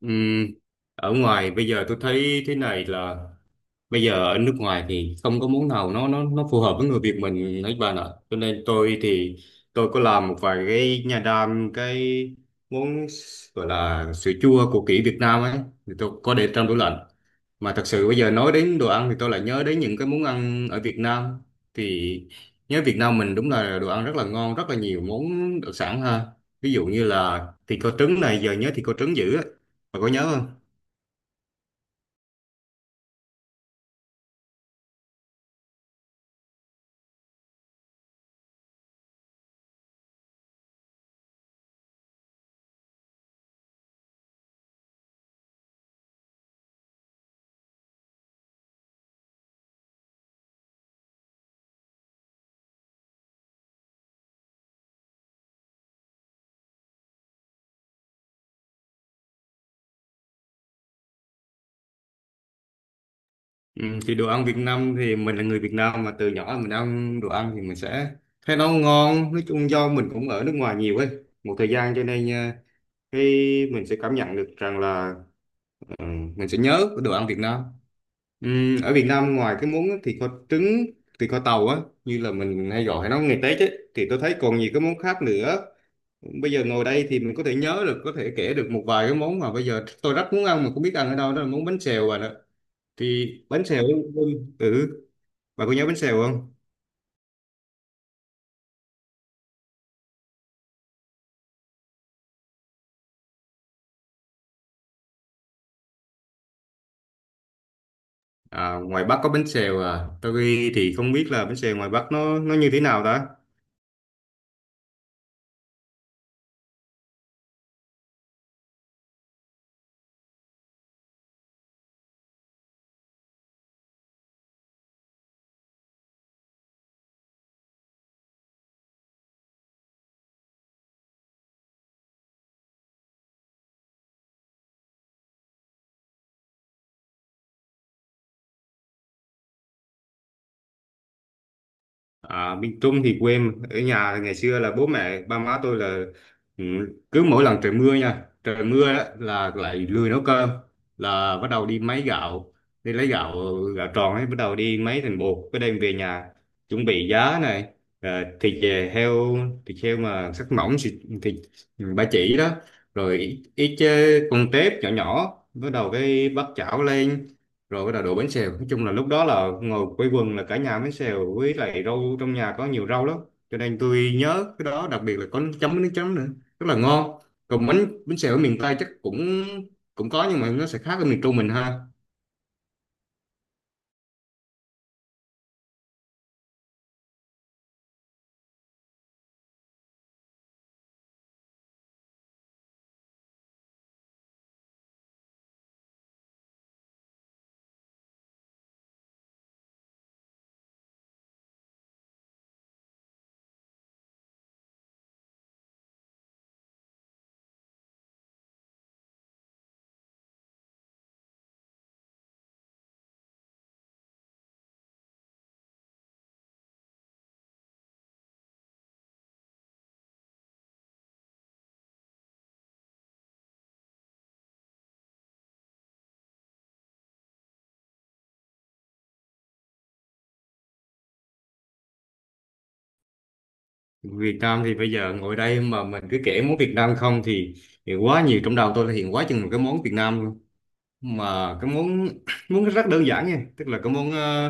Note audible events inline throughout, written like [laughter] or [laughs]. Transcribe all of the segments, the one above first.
Ừm, Ở ngoài bây giờ tôi thấy thế này là bây giờ ở nước ngoài thì không có món nào nó phù hợp với người Việt mình hết bạn ạ, cho nên tôi thì tôi có làm một vài cái nhà đam cái món gọi là sữa chua của kỷ Việt Nam ấy, thì tôi có để trong tủ lạnh. Mà thật sự bây giờ nói đến đồ ăn thì tôi lại nhớ đến những cái món ăn ở Việt Nam, thì nhớ Việt Nam mình đúng là đồ ăn rất là ngon, rất là nhiều món đặc sản ha. Ví dụ như là thịt kho trứng này, giờ nhớ thịt kho trứng dữ á, bạn có nhớ không? Ừ, thì đồ ăn Việt Nam thì mình là người Việt Nam mà từ nhỏ mình ăn đồ ăn thì mình sẽ thấy nó ngon, nói chung do mình cũng ở nước ngoài nhiều ấy, một thời gian cho nên à, cái mình sẽ cảm nhận được rằng là ừ, mình sẽ nhớ cái đồ ăn Việt Nam. Ở Việt Nam ngoài cái món thịt kho trứng, thịt kho tàu á, như là mình hay gọi hay nói ngày Tết ấy, thì tôi thấy còn nhiều cái món khác nữa. Bây giờ ngồi đây thì mình có thể nhớ được, có thể kể được một vài cái món mà bây giờ tôi rất muốn ăn mà không biết ăn ở đâu, đó là món bánh xèo bạn ạ. Thì bánh xèo, ừ, bà có nhớ bánh xèo không? À, ngoài Bắc có bánh xèo à. Tôi thì không biết là bánh xèo ngoài Bắc nó như thế nào ta? À, miền Trung thì quê em. Ở nhà thì ngày xưa là bố mẹ ba má tôi là, ừ, cứ mỗi lần trời mưa nha, trời mưa đó, là lại lười nấu cơm, là bắt đầu đi máy gạo, đi lấy gạo, gạo tròn ấy, bắt đầu đi máy thành bột cái đem về nhà, chuẩn bị giá này, ờ, thịt về heo, thịt heo mà sắc mỏng thịt, thịt ba chỉ đó, rồi ít, ít con tép nhỏ nhỏ, bắt đầu cái bắt chảo lên rồi bắt đầu đổ bánh xèo. Nói chung là lúc đó là ngồi quây quần là cả nhà bánh xèo với lại rau, trong nhà có nhiều rau lắm, cho nên tôi nhớ cái đó, đặc biệt là có nước chấm với nước chấm nữa, rất là ngon. Còn bánh bánh xèo ở miền Tây chắc cũng cũng có, nhưng mà nó sẽ khác ở miền Trung mình ha. Việt Nam thì bây giờ ngồi đây mà mình cứ kể món Việt Nam không thì, thì quá nhiều trong đầu tôi là hiện quá chừng một cái món Việt Nam luôn. Mà cái món [coughs] [clears throat] món rất đơn giản nha, tức là cái món ờ,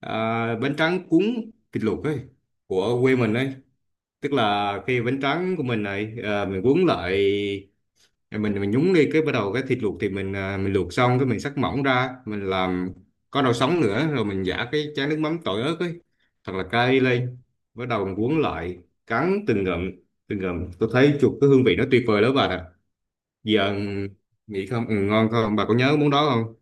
ờ, bánh tráng cuốn thịt luộc ấy, của quê mình ấy, tức là khi bánh tráng của mình này mình cuốn lại, mình nhúng đi cái bắt đầu cái thịt luộc thì mình luộc xong cái mình xắt mỏng ra mình làm có rau sống nữa, rồi mình giả cái chén nước mắm tỏi ớt ấy thật là cay lên, bắt đầu mình cuốn lại cắn từng ngụm, từng ngụm, tôi thấy chuột cái hương vị nó tuyệt vời lắm bà ạ. Giờ nghĩ không ngon không, bà có nhớ món đó không?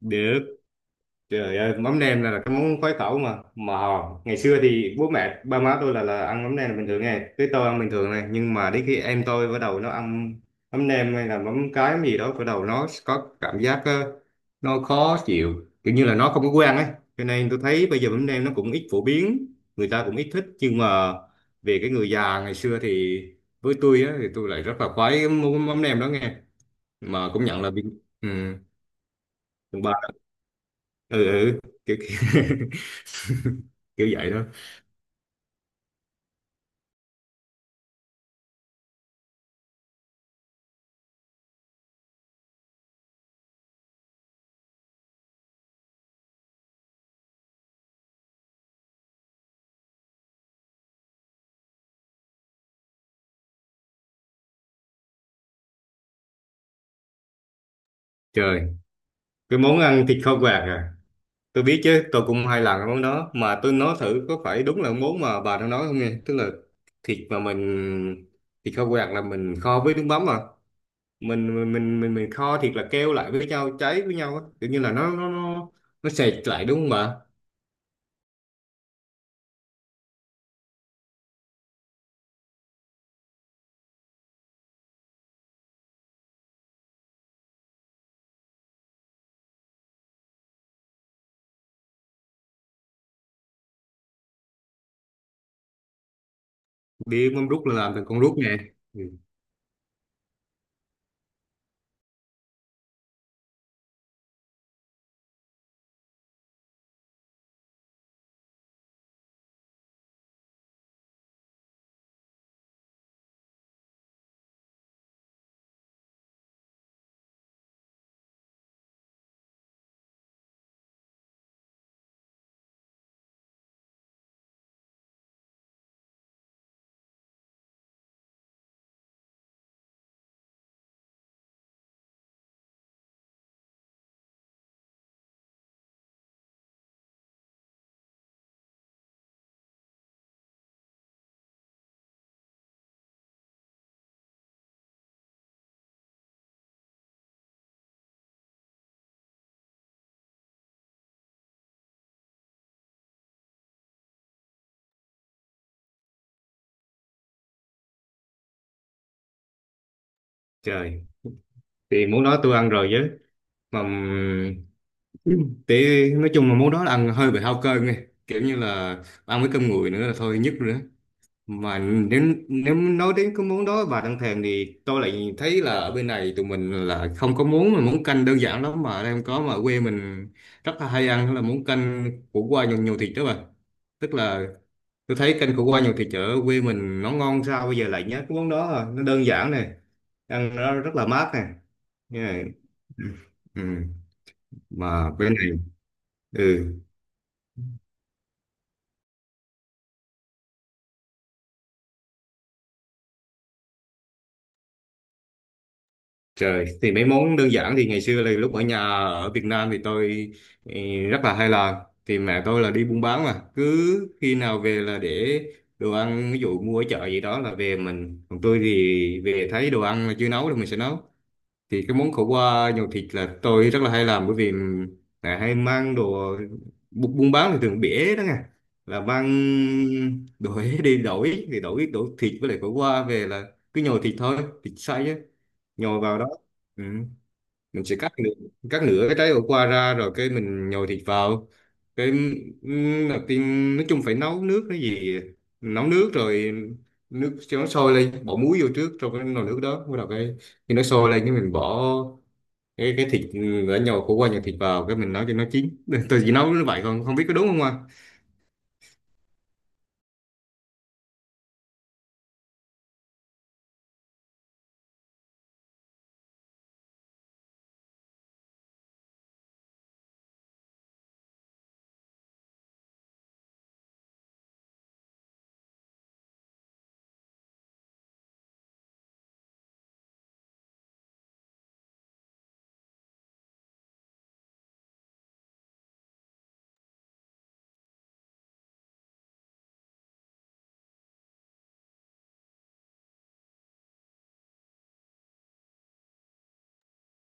để Trời ơi, mắm nêm là cái món khoái khẩu mà ngày xưa thì bố mẹ ba má tôi là ăn mắm nêm bình thường nghe, cái tôi ăn bình thường này, nhưng mà đến khi em tôi bắt đầu nó ăn mắm nêm hay là mắm cái mắm gì đó, bắt đầu nó có cảm giác nó khó chịu kiểu như là nó không có quen ấy. Cho nên tôi thấy bây giờ mắm nêm nó cũng ít phổ biến, người ta cũng ít thích, nhưng mà về cái người già ngày xưa thì với tôi á, thì tôi lại rất là khoái cái món mắm nêm đó nghe. Mà cũng nhận là bị ừ, ba ừ, ừ, kiểu, kiểu. [laughs] Kiểu vậy đó. Trời, cái món ăn thịt kho quạt à, tôi biết chứ, tôi cũng hai lần cái món đó, mà tôi nói thử có phải đúng là món mà bà đang nói không nghe, tức là thịt mà mình thịt kho quạt là mình kho với nước mắm à, mình kho thịt là keo lại với nhau, cháy với nhau á, kiểu như là nó sệt lại đúng không bà? Biết mắm rút là làm từ con rút nè. Ừ. Trời, thì món đó tôi ăn rồi chứ, mà thì nói chung là món đó là ăn hơi bị hao cơm nghe, kiểu như là ăn với cơm nguội nữa là thôi nhức rồi đó. Mà nếu nếu nói đến cái món đó bà đang thèm thì tôi lại thấy là ở bên này tụi mình là không có món, mà món canh đơn giản lắm mà em có mà quê mình rất là hay ăn, đó là món canh khổ qua nhiều, nhiều thịt đó bà. Tức là tôi thấy canh khổ qua nhiều thịt ở quê mình nó ngon, sao bây giờ lại nhớ cái món đó à. Nó đơn giản này, ăn nó rất là mát này. Yeah. Ừ. Ừ. Mà bên này. Ừ. Trời, thì mấy món đơn giản thì ngày xưa là lúc ở nhà ở Việt Nam thì tôi ừ, rất là hay làm. Thì mẹ tôi là đi buôn bán mà, cứ khi nào về là để đồ ăn, ví dụ mua ở chợ gì đó là về mình. Còn tôi thì về thấy đồ ăn là chưa nấu thì mình sẽ nấu. Thì cái món khổ qua nhồi thịt là tôi rất là hay làm, bởi vì mẹ hay mang đồ buôn bán thì thường bỉa đó nghe. Là mang đồ Huế đi đổi thì đổi đổi thịt với lại khổ qua về, là cứ nhồi thịt thôi, thịt xay á nhồi vào đó. Ừ. Mình sẽ cắt nửa cái trái ổ qua ra rồi cái mình nhồi thịt vào cái, đầu tiên nói chung phải nấu nước cái gì, nấu nước rồi nước cho nó sôi lên, bỏ muối vô trước trong cái nồi nước đó, bắt đầu cái khi nó sôi lên cái mình bỏ cái thịt đã nhồi khổ qua nhồi thịt vào cái mình nấu cho nó chín. [laughs] Tôi chỉ nấu như vậy, còn không biết có đúng không ạ?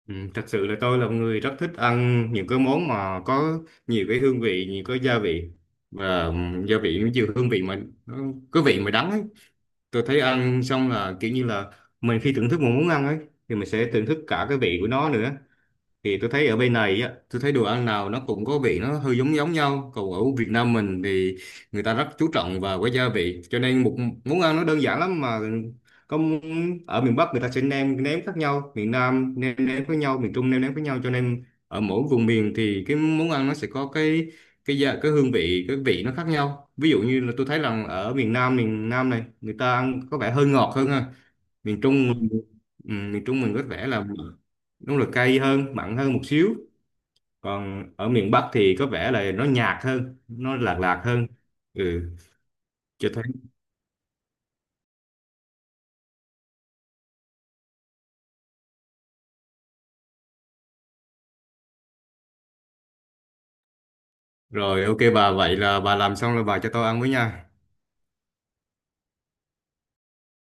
Ừ, thật sự là tôi là một người rất thích ăn những cái món mà có nhiều cái hương vị, nhiều cái gia vị, và gia vị nó nhiều hương vị mà nó có vị mà đắng ấy. Tôi thấy ăn xong là kiểu như là mình khi thưởng thức một món ăn ấy thì mình sẽ thưởng thức cả cái vị của nó nữa. Thì tôi thấy ở bên này á, tôi thấy đồ ăn nào nó cũng có vị nó hơi giống giống nhau, còn ở Việt Nam mình thì người ta rất chú trọng vào cái gia vị, cho nên một món ăn nó đơn giản lắm mà, có ở miền Bắc người ta sẽ nêm nếm khác nhau, miền Nam nêm nếm với nhau, miền Trung nêm nếm với nhau, cho nên ở mỗi vùng miền thì cái món ăn nó sẽ có cái gia cái hương vị cái vị nó khác nhau. Ví dụ như là tôi thấy rằng ở miền Nam, miền Nam này người ta ăn có vẻ hơi ngọt hơn ha. Miền Trung mình- ừ, miền Trung mình có vẻ là đúng là cay hơn, mặn hơn một xíu. Còn ở miền Bắc thì có vẻ là nó nhạt hơn, nó lạc lạc hơn. Ừ. Cho thấy. Rồi ok, bà vậy là bà làm xong là bà cho tôi ăn với nha.